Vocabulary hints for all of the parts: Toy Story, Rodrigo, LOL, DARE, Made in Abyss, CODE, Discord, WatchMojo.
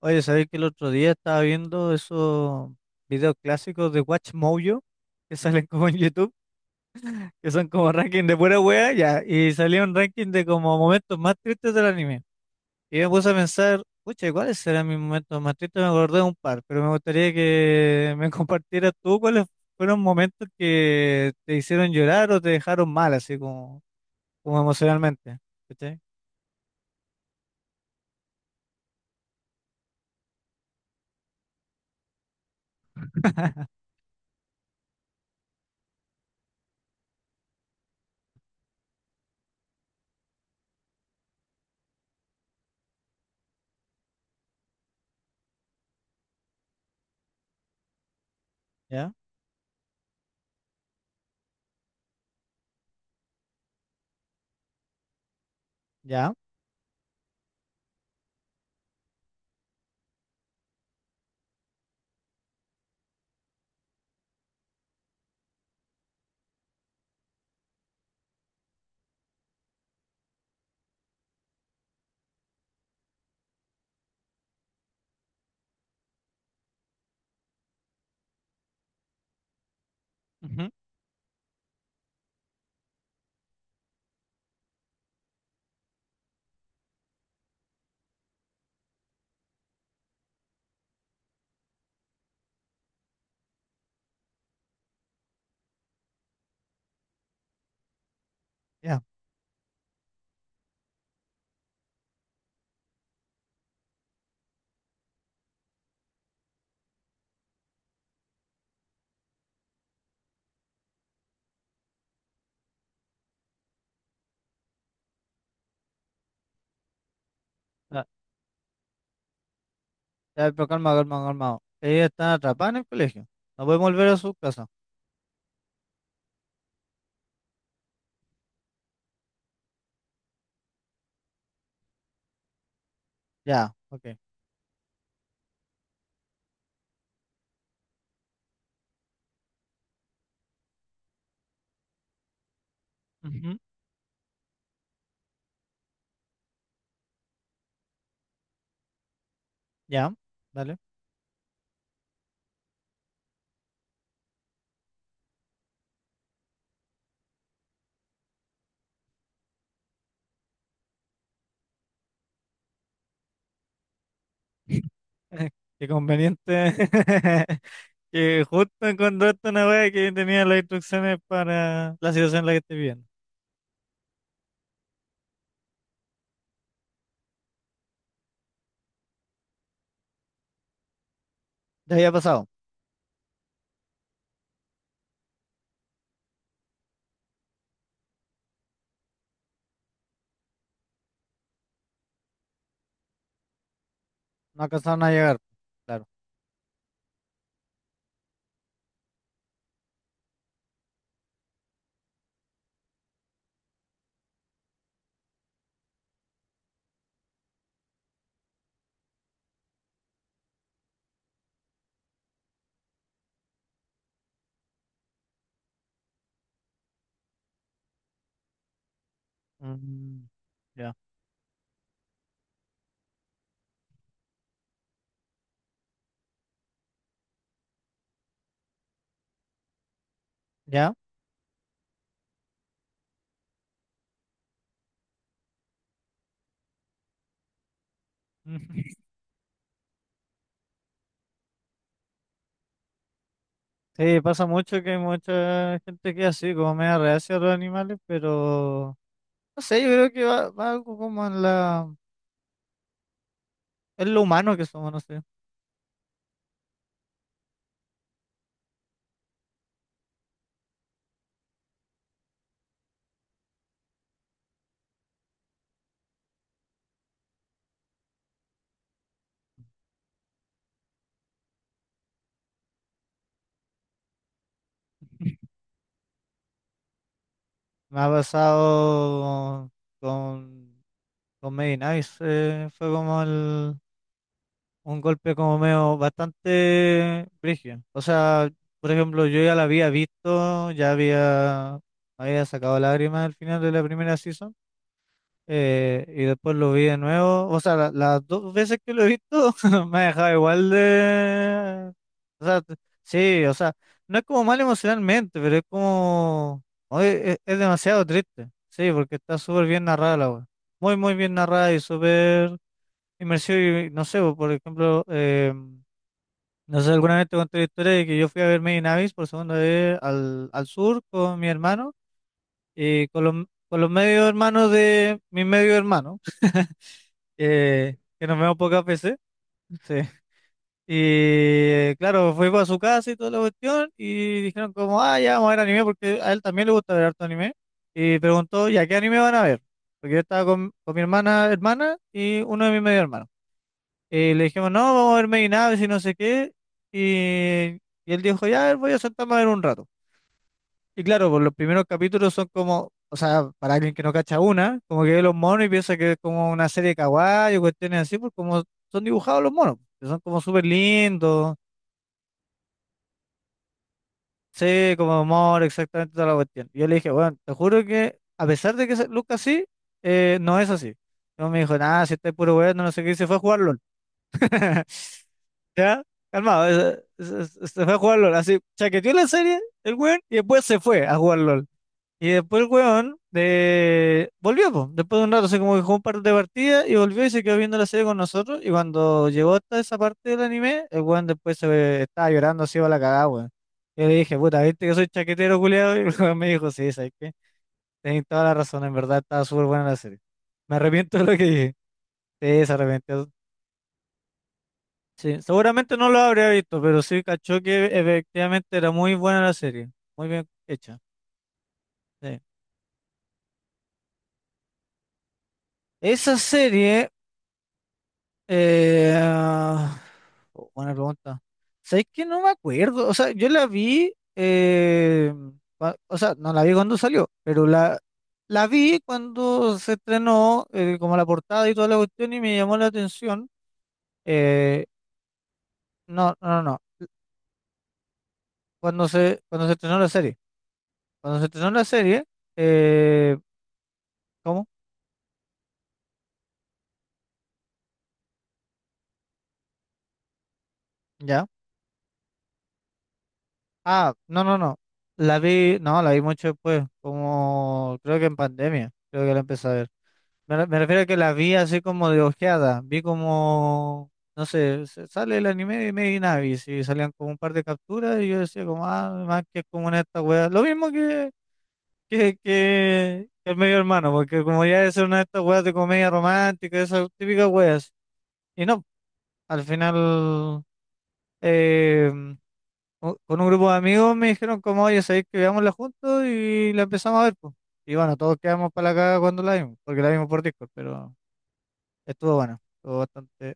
Oye, ¿sabéis que el otro día estaba viendo esos videos clásicos de WatchMojo que salen como en YouTube, que son como ranking de pura wea, ya, y salía un ranking de como momentos más tristes del anime. Y me puse a pensar, pucha, ¿cuáles serán mis momentos más tristes? Me acordé de un par, pero me gustaría que me compartieras tú cuáles fueron momentos que te hicieron llorar o te dejaron mal, así como emocionalmente. ¿Cachai? ¿Ya? ¿Ya? Ujú. ¿Ya? Ya, pero calma, calma, calma. Ellos están atrapados en el colegio. No pueden volver a su casa. Ya, ok. Ujú. Ya, dale. Qué conveniente que justo encontraste una wea que tenía las instrucciones para la situación en la que estoy viviendo. Ya había pasado. No alcanzaron a llegar. Claro. Mm. Ya, ya. Sí, pasa mucho que hay mucha gente que es así, como media reacia a los animales, pero no sé, yo creo que va algo como en la... Es lo humano que somos, no sé. Me ha pasado con, con Made in Abyss. Fue como un golpe como medio bastante brígido. O sea, por ejemplo, yo ya la había visto, ya había sacado lágrimas al final de la primera season. Y después lo vi de nuevo. O sea, las dos veces que lo he visto me ha dejado igual de... O sea, sí, o sea, no es como mal emocionalmente, pero es como... oye, es demasiado triste. Sí, porque está súper bien narrada la wea. Muy, muy bien narrada y súper inmersiva. Y no sé, po, por ejemplo, no sé, alguna vez te conté la historia de que yo fui a ver Made in Abyss por segunda vez al sur con mi hermano y con los medio hermanos de mi medio hermano, que nos vemos pocas veces. Sí. Y claro, fui para su casa y toda la cuestión y dijeron como, ah, ya vamos a ver anime porque a él también le gusta ver harto anime. Y preguntó, ya, ¿qué anime van a ver? Porque yo estaba con mi hermana y uno de mis medio hermanos. Y le dijimos, no, vamos a ver Made in Abyss y no sé qué. Y, y él dijo, ya, a ver, voy a sentarme a ver un rato. Y claro, por los primeros capítulos son como, o sea, para alguien que no cacha una, como que ve los monos y piensa que es como una serie de kawaii o cuestiones así, pues como son dibujados los monos, que son como súper lindos, sé como amor, exactamente toda la cuestión. Y yo le dije, bueno, te juro que a pesar de que se luzca así, no es así. No me dijo, nada, si está puro weón, no sé qué, y se fue a jugar LOL. ¿Ya? Calmado, se fue a jugar LOL, así, chaqueteó la serie, el weón, y después se fue a jugar LOL. Y después el weón de... volvió, po. Después de un rato, así como que jugó un par de partidas y volvió y se quedó viendo la serie con nosotros. Y cuando llegó hasta esa parte del anime, el weón después estaba llorando así para la cagada, weón. Yo le dije, puta, ¿viste que soy chaquetero, culiado? Y el weón me dijo, sí, ¿sabes qué? Tenés toda la razón, en verdad estaba súper buena la serie. Me arrepiento de lo que dije. Sí, se arrepintió. Sí, seguramente no lo habría visto, pero sí cachó que efectivamente era muy buena la serie. Muy bien hecha. Sí. Esa serie... ah, oh, buena pregunta. ¿Sabes que no me acuerdo? O sea, yo la vi, o sea, no la vi cuando salió, pero la vi cuando se estrenó, como la portada y toda la cuestión, y me llamó la atención. Eh, no, no, no, no. Cuando se estrenó la serie. Cuando se estrenó la serie, eh, ¿cómo? ¿Ya? Ah, no, no, no. La vi, no, la vi mucho después, como creo que en pandemia, creo que la empecé a ver. Me refiero a que las vi así como de ojeada. Vi como, no sé, sale el anime de Made in Abyss y salían como un par de capturas y yo decía como, ah, más que es como una de estas weas. Lo mismo que el medio hermano, porque como ya es una de estas weas de comedia romántica, esas típicas weas. Y no, al final, eh, con un grupo de amigos me dijeron como, oye, sabéis que veámosla juntos y la empezamos a ver, pues. Y bueno, todos quedamos para la caga cuando la vimos, porque la vimos por Discord, pero... Estuvo bueno, estuvo bastante.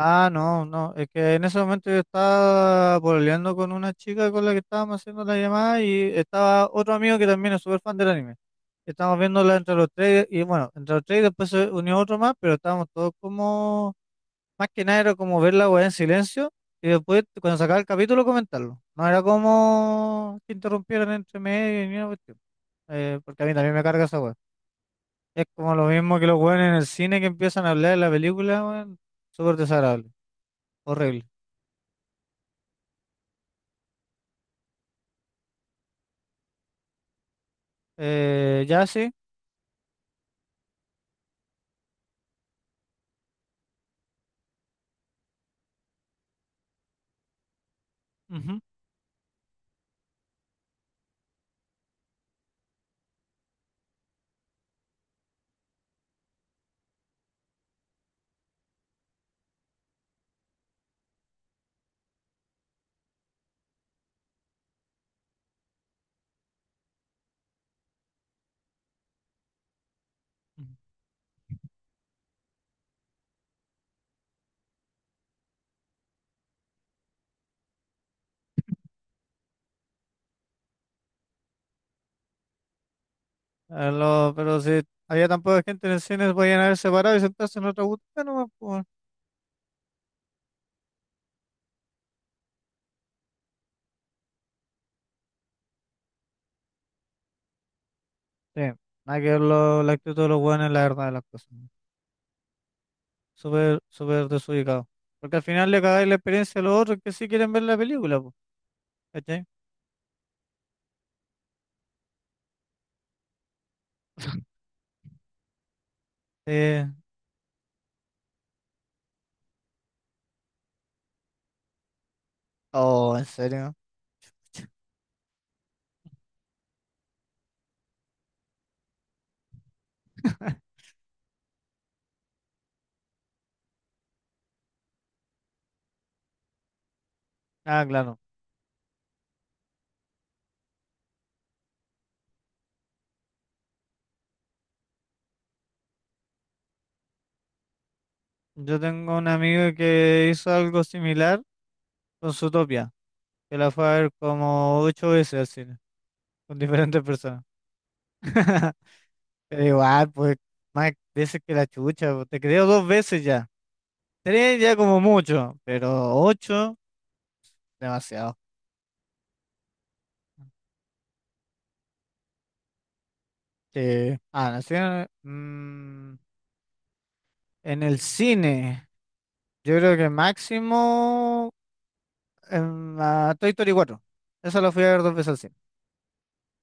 Ah, no, no, es que en ese momento yo estaba pololeando con una chica con la que estábamos haciendo la llamada y estaba otro amigo que también es súper fan del anime. Estábamos viéndola entre los tres y bueno, entre los tres y después se unió otro más, pero estábamos todos como, más que nada era como ver la weá en silencio y después cuando sacaba el capítulo comentarlo. No era como que interrumpieran entre medio y ni una cuestión, porque a mí también me carga esa weá. Es como lo mismo que los weones en el cine que empiezan a hablar de la película, weón. Súper desagradable, horrible. Ya, sí. Ujú. Pero si había tan poca gente en el cine, se podían haber separado y sentarse en otra butaca nomás, po, weón. Sí, nada que ver la actitud de los weones, la verdad de las cosas, weón. Súper, súper desubicado. Porque al final le cagáis la experiencia a los otros que sí quieren ver la película, po, ¿cachai? Eh, oh, ¿en serio? Ah, claro. Yo tengo un amigo que hizo algo similar con su que la fue a ver como ocho veces al cine, con diferentes personas. Pero igual, pues, más veces que la chucha, pues, te creo dos veces ya. Tres ya como mucho, pero ocho, demasiado. Sí. Ah, no sé, mm, en el cine, yo creo que máximo en la Toy Story 4. Esa la fui a ver dos veces al cine.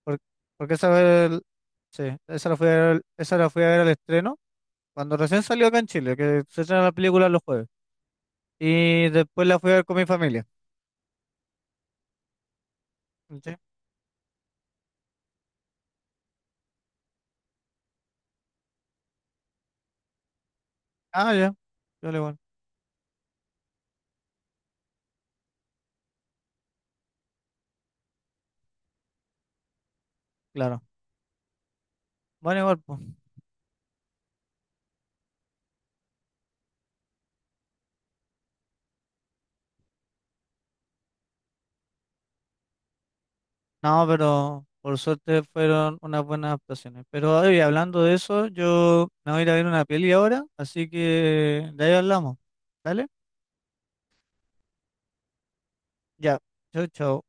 por- Porque esa sí, esa la fui a ver al estreno, cuando recién salió acá en Chile, que se estrena la película los jueves. Y después la fui a ver con mi familia. ¿Sí? Ah, ya. Yo le igual, claro. Bueno, igual, pues. No, pero por suerte fueron unas buenas actuaciones. Pero oye, hablando de eso, yo me voy a ir a ver una peli ahora, así que de ahí hablamos. Vale. Ya. Chau, chau.